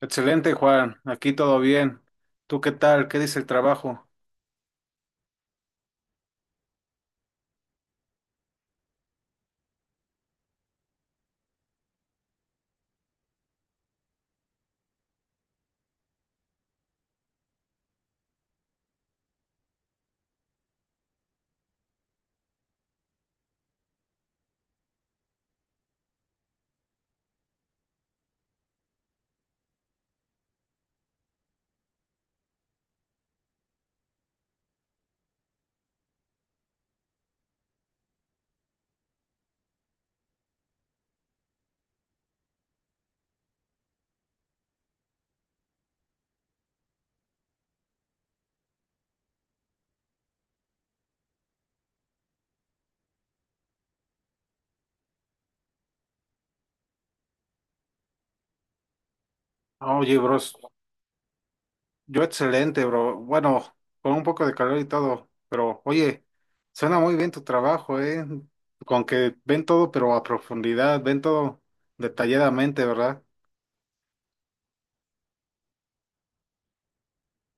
Excelente, Juan. Aquí todo bien. ¿Tú qué tal? ¿Qué dice el trabajo? Ah, oye, bros, yo excelente, bro. Bueno, con un poco de calor y todo, pero oye, suena muy bien tu trabajo, ¿eh? Con que ven todo, pero a profundidad, ven todo detalladamente, ¿verdad?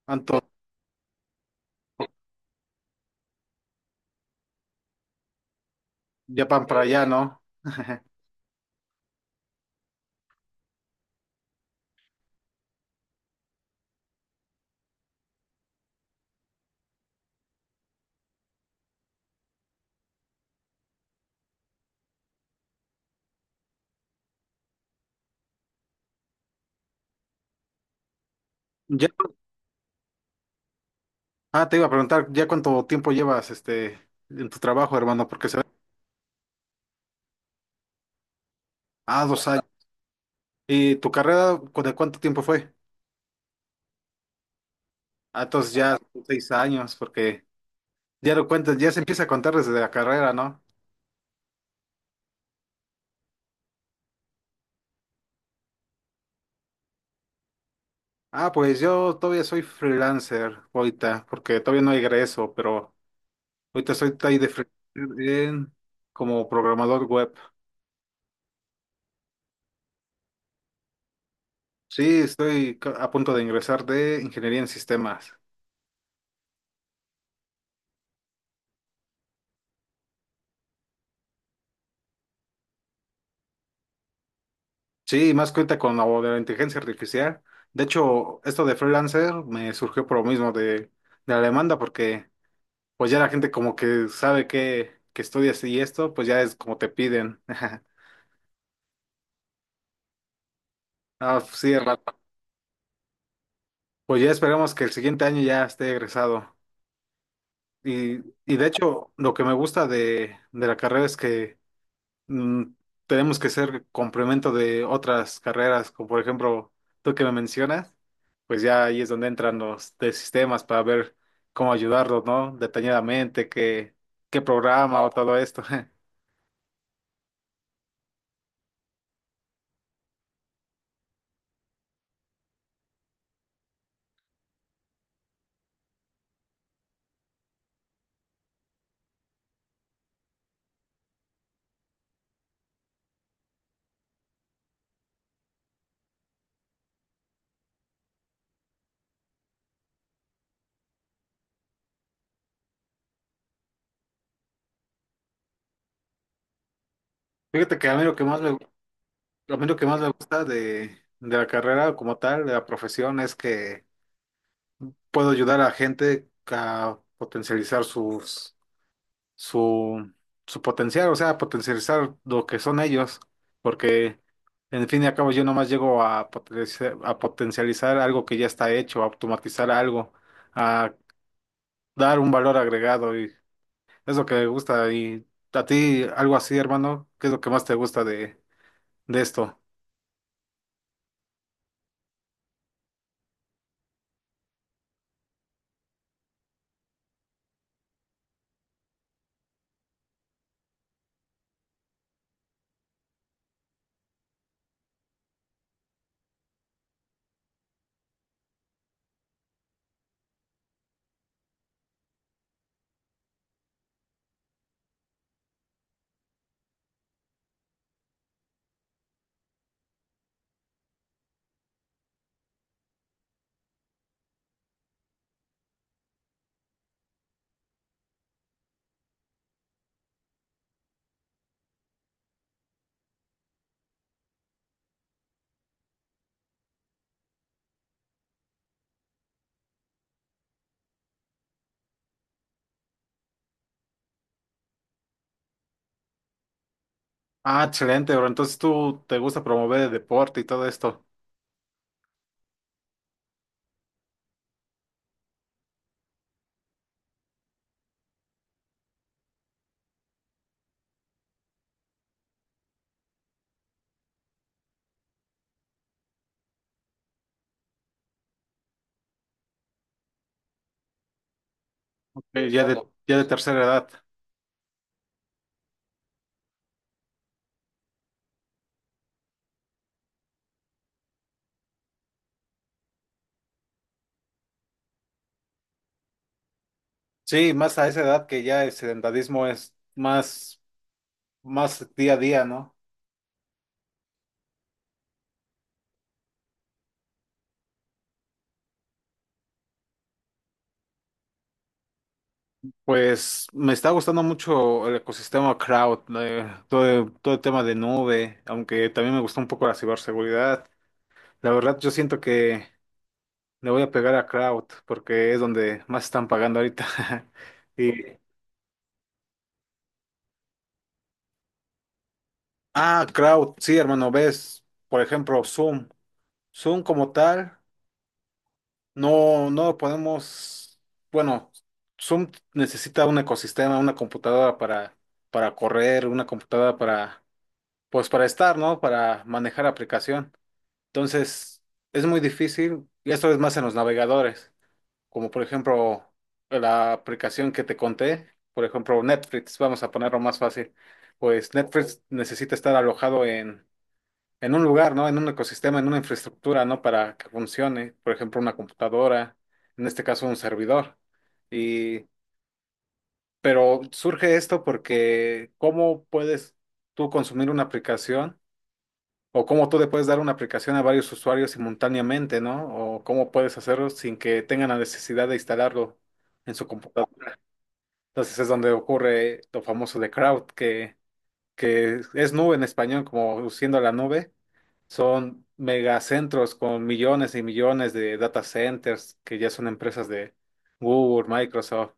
Tanto, ya van para allá, ¿no? Ya, ah, te iba a preguntar, ¿ya cuánto tiempo llevas en tu trabajo, hermano? Porque se ve. Ah, 2 años. ¿Y tu carrera, de cuánto tiempo fue? Ah, entonces ya son 6 años, porque ya lo cuentas, ya se empieza a contar desde la carrera, ¿no? Ah, pues yo todavía soy freelancer ahorita, porque todavía no egreso, pero ahorita estoy ahí de freelancer como programador web. Sí, estoy a punto de ingresar de ingeniería en sistemas. Sí, más cuenta con lo de la inteligencia artificial. De hecho, esto de freelancer me surgió por lo mismo de la demanda, porque pues ya la gente como que sabe que estudias y esto, pues ya es como te piden. Ah, sí, Rafa. Pues ya esperemos que el siguiente año ya esté egresado. Y, y, de hecho, lo que me gusta de la carrera es que mm, tenemos que ser complemento de otras carreras, como por ejemplo, tú que me mencionas, pues ya ahí es donde entran los de sistemas para ver cómo ayudarlos, ¿no? Detalladamente, qué programa o todo esto. Fíjate que a mí lo que más me, A mí lo que más me gusta de la carrera como tal, de la profesión, es que puedo ayudar a gente a potencializar su, su potencial, o sea, potencializar lo que son ellos, porque en fin y al cabo yo nomás llego a potenciar, a potencializar algo que ya está hecho, a automatizar algo, a dar un valor agregado y es lo que me gusta. Y a ti, algo así, hermano, ¿qué es lo que más te gusta de esto? Ah, excelente, bro. Entonces tú te gusta promover el deporte y todo esto. Exacto. Ya de tercera edad. Sí, más a esa edad que ya el sedentarismo es más, más día a día, ¿no? Pues me está gustando mucho el ecosistema cloud, todo, todo el tema de nube, aunque también me gustó un poco la ciberseguridad. La verdad, yo siento que le voy a pegar a cloud porque es donde más están pagando ahorita. Y, Cloud, sí, hermano, ves, por ejemplo, Zoom. Zoom como tal. No, no podemos. Bueno, Zoom necesita un ecosistema, una computadora para correr, una computadora pues para estar, ¿no? Para manejar aplicación. Entonces, es muy difícil, y esto es más en los navegadores, como por ejemplo la aplicación que te conté, por ejemplo Netflix, vamos a ponerlo más fácil. Pues Netflix necesita estar alojado en un lugar, ¿no? En un ecosistema, en una infraestructura, ¿no? Para que funcione, por ejemplo, una computadora, en este caso un servidor. Y, pero surge esto porque ¿cómo puedes tú consumir una aplicación o cómo tú le puedes dar una aplicación a varios usuarios simultáneamente, ¿no? O cómo puedes hacerlo sin que tengan la necesidad de instalarlo en su computadora. Entonces es donde ocurre lo famoso de crowd, que es nube en español, como siendo la nube. Son megacentros con millones y millones de data centers que ya son empresas de Google, Microsoft.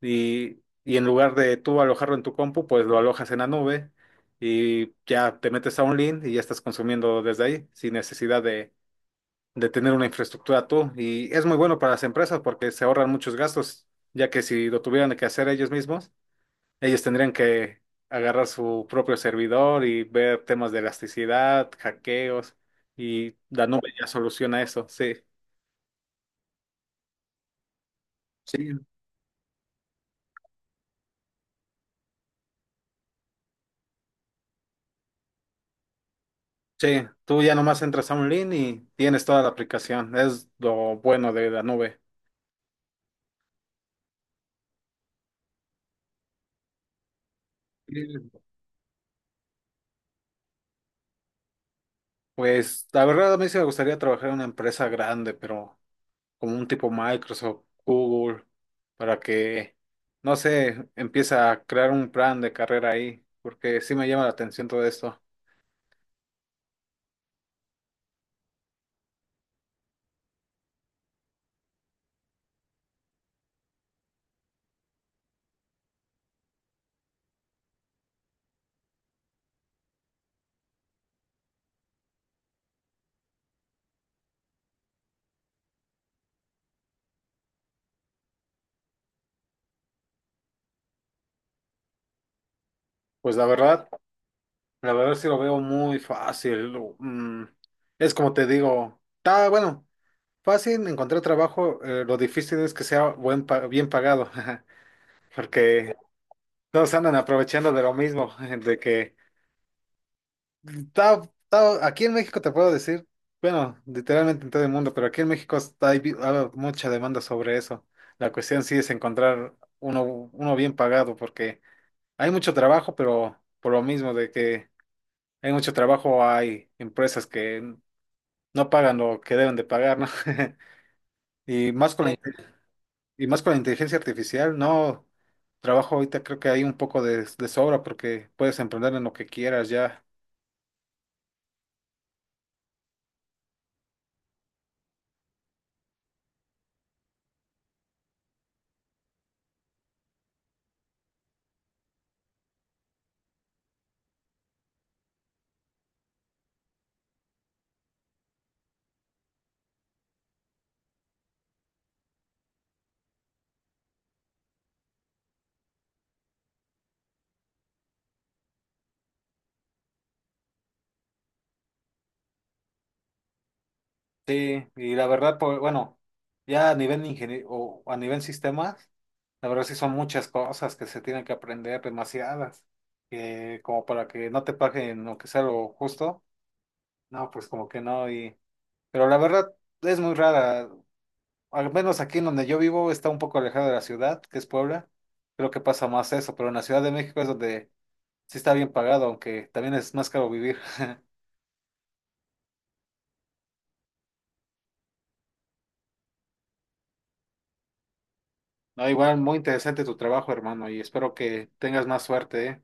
Y, en lugar de tú alojarlo en tu compu, pues lo alojas en la nube y ya te metes a un link y ya estás consumiendo desde ahí sin necesidad de tener una infraestructura tú. Y es muy bueno para las empresas porque se ahorran muchos gastos, ya que si lo tuvieran que hacer ellos mismos, ellos tendrían que agarrar su propio servidor y ver temas de elasticidad, hackeos, y Danube ya soluciona eso, sí. Sí. Sí, tú ya nomás entras a un link y tienes toda la aplicación. Es lo bueno de Danube. Sí. Pues la verdad a mí sí me gustaría trabajar en una empresa grande, pero como un tipo Microsoft, Google, para que, no sé, empiece a crear un plan de carrera ahí, porque sí me llama la atención todo esto. Pues la verdad. La verdad sí lo veo muy fácil. mm, es como te digo, está bueno, fácil encontrar trabajo, lo difícil es que sea bien pagado, porque todos andan aprovechando de lo mismo, de que está, aquí en México te puedo decir, bueno, literalmente en todo el mundo, pero aquí en México hay mucha demanda sobre eso. La cuestión sí es encontrar uno bien pagado, porque hay mucho trabajo, pero por lo mismo de que... Hay mucho trabajo, hay empresas que no pagan lo que deben de pagar, ¿no? Sí. Y más con la inteligencia artificial, no. Trabajo ahorita creo que hay un poco de sobra porque puedes emprender en lo que quieras ya. Sí, y la verdad, pues, bueno, ya a nivel ingeniero o a nivel sistemas, la verdad sí son muchas cosas que se tienen que aprender, demasiadas, que como para que no te paguen lo que sea lo justo, no, pues como que no, pero la verdad es muy rara, al menos aquí en donde yo vivo está un poco alejado de la ciudad, que es Puebla. Creo que pasa más eso, pero en la Ciudad de México es donde sí está bien pagado, aunque también es más caro vivir. No, igual muy interesante tu trabajo, hermano, y espero que tengas más suerte, ¿eh?